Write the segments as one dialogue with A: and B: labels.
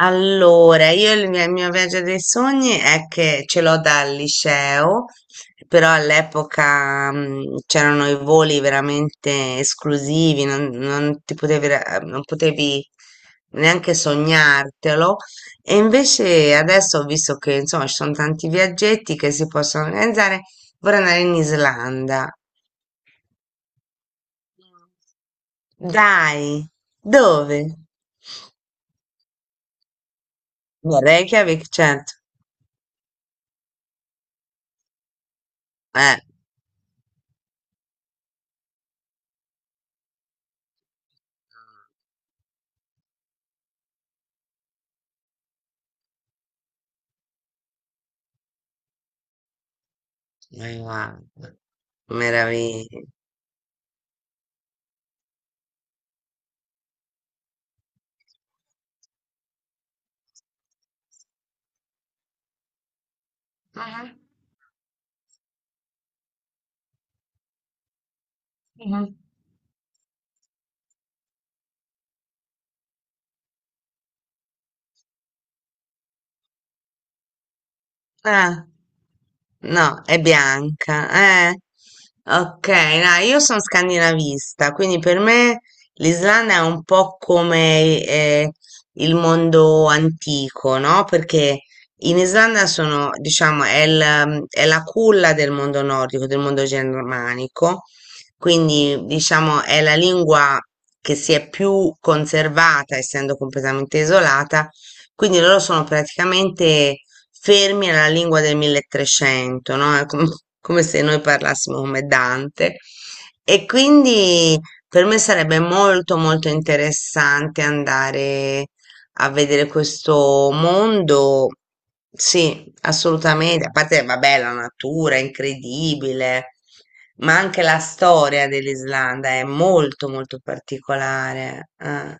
A: Allora, il mio viaggio dei sogni è che ce l'ho dal liceo, però all'epoca c'erano i voli veramente esclusivi, non ti potevi, non potevi neanche sognartelo. E invece adesso ho visto che insomma ci sono tanti viaggetti che si possono organizzare. Vorrei andare in Islanda. Dai, dove? A Reykjavik, certo. Eh, ma guarda, meraviglia. Ah-ah, ah-ah. Ah, no, è bianca. Ok, no, io sono scandinavista, quindi per me l'Islanda è un po' come il mondo antico, no? Perché in Islanda diciamo, è la culla del mondo nordico, del mondo germanico, quindi diciamo è la lingua che si è più conservata, essendo completamente isolata, quindi loro sono praticamente fermi alla lingua del 1300, no? È come se noi parlassimo come Dante. E quindi per me sarebbe molto molto interessante andare a vedere questo mondo. Sì, assolutamente. A parte, vabbè, la natura è incredibile, ma anche la storia dell'Islanda è molto molto particolare. Eh.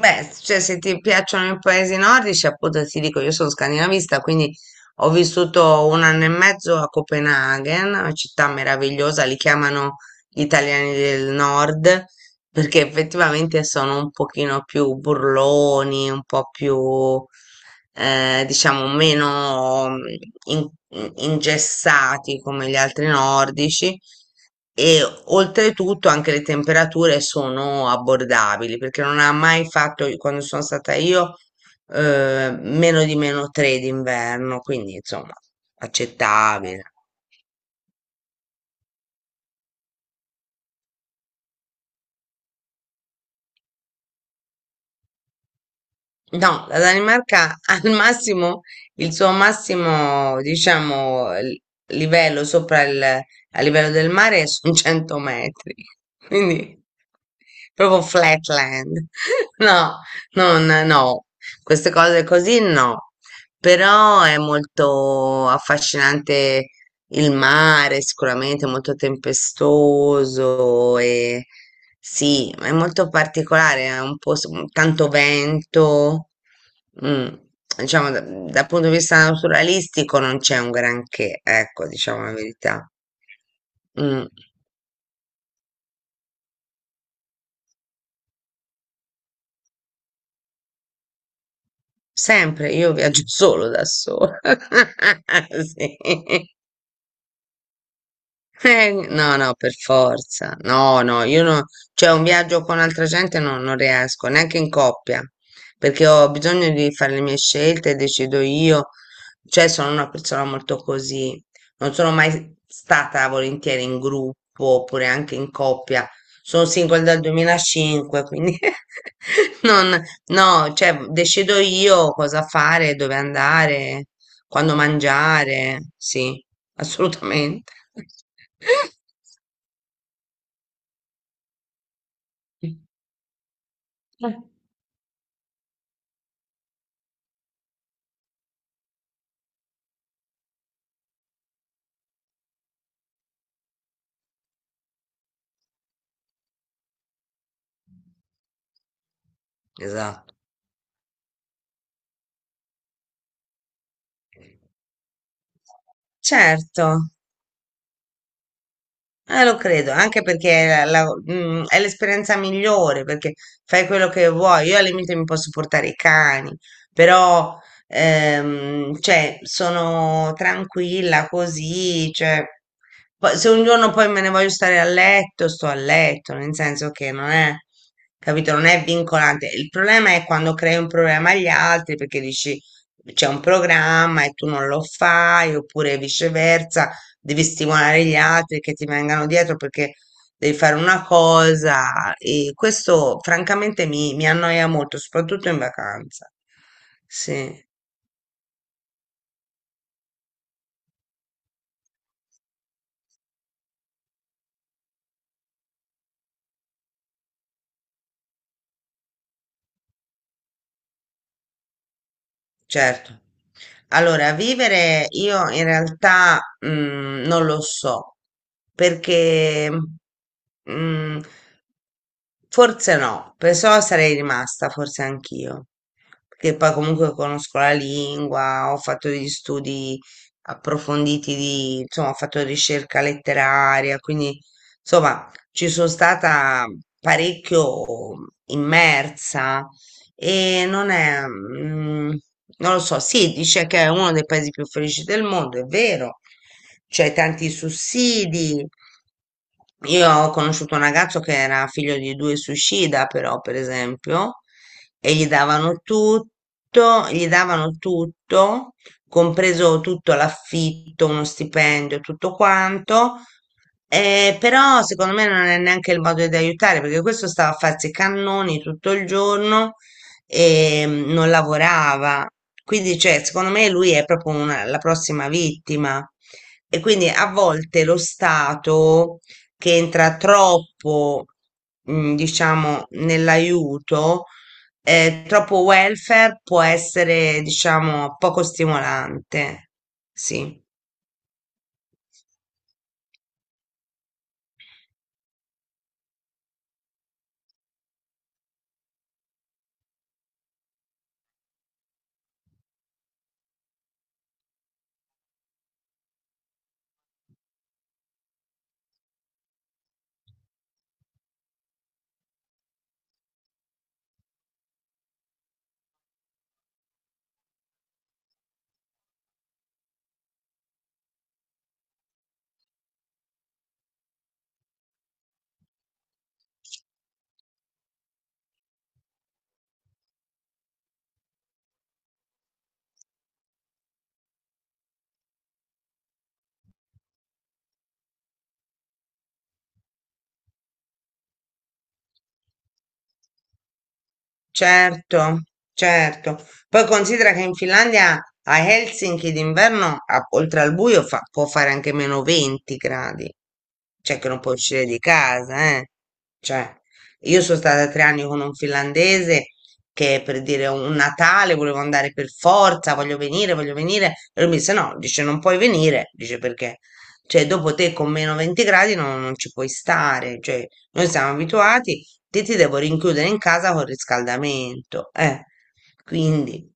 A: Beh, cioè, se ti piacciono i paesi nordici, appunto ti dico, io sono scandinavista, quindi ho vissuto un anno e mezzo a Copenaghen, una città meravigliosa, li chiamano gli italiani del nord, perché effettivamente sono un pochino più burloni, un po' più, diciamo, meno ingessati come gli altri nordici e oltretutto anche le temperature sono abbordabili, perché non ha mai fatto, quando sono stata io, meno di meno 3 d'inverno, quindi insomma, accettabile. No, la Danimarca al massimo, il suo massimo, diciamo, livello sopra a livello del mare sono 100 metri. Quindi proprio flatland. No, non, no, queste cose così no. Però è molto affascinante il mare, sicuramente molto tempestoso e sì, è molto particolare, è un po' tanto vento. mm, Diciamo, dal punto di vista naturalistico non c'è un granché, ecco, diciamo la verità. Mm. Sempre, io viaggio solo da sola. Sì. No, no, per forza. No, no, io no, cioè un viaggio con altra gente non riesco, neanche in coppia, perché ho bisogno di fare le mie scelte, decido io, cioè sono una persona molto così. Non sono mai stata volentieri in gruppo oppure anche in coppia. Sono single dal 2005, quindi non, no, cioè decido io cosa fare, dove andare. Quando mangiare, sì, assolutamente. Esatto. Certo. Lo credo, anche perché è, la- la- mm, è l'esperienza migliore, perché fai quello che vuoi. Io al limite mi posso portare i cani, però cioè, sono tranquilla così. Cioè, se un giorno poi me ne voglio stare a letto, sto a letto, nel senso che non è, capito, non è vincolante. Il problema è quando crei un problema agli altri perché dici c'è un programma e tu non lo fai, oppure viceversa devi stimolare gli altri che ti vengano dietro perché devi fare una cosa e questo francamente mi annoia molto, soprattutto in vacanza. Sì, certo. Allora, vivere io in realtà non lo so perché mm, forse no, perciò sarei rimasta, forse anch'io, perché poi comunque conosco la lingua, ho fatto degli studi approfonditi di, insomma, ho fatto ricerca letteraria, quindi insomma ci sono stata parecchio immersa e non è, non lo so, sì, dice che è uno dei paesi più felici del mondo, è vero, c'è tanti sussidi. Io ho conosciuto un ragazzo che era figlio di due suicida, però, per esempio, e gli davano tutto, compreso tutto l'affitto, uno stipendio, tutto quanto. Però secondo me non è neanche il modo di aiutare perché questo stava a farsi i cannoni tutto il giorno e non lavorava. Quindi, cioè, secondo me lui è proprio la prossima vittima. E quindi a volte lo Stato che entra troppo, diciamo, nell'aiuto, troppo welfare può essere, diciamo, poco stimolante. Sì. Certo, certo. Poi considera che in Finlandia a Helsinki d'inverno, oltre al buio, può fare anche meno 20 gradi, cioè che non puoi uscire di casa, eh. Cioè, io sono stata 3 anni con un finlandese che per dire un Natale volevo andare per forza, voglio venire, voglio venire. E lui mi disse no, dice non puoi venire, dice perché? Cioè, dopo te con meno 20 gradi non ci puoi stare, cioè, noi siamo abituati. Te ti devo rinchiudere in casa con riscaldamento. Quindi,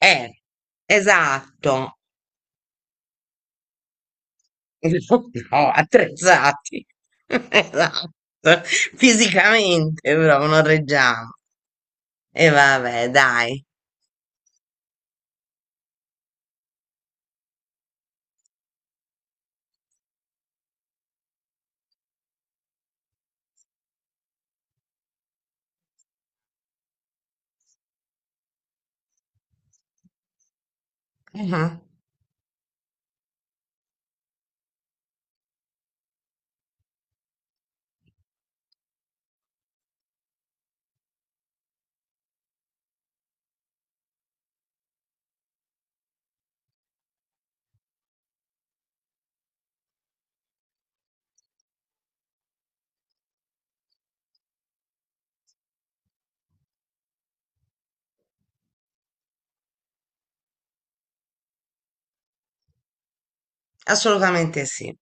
A: eh, esatto. No, attrezzati. Esatto. Fisicamente, però non reggiamo. E vabbè, dai. Mhm, assolutamente sì.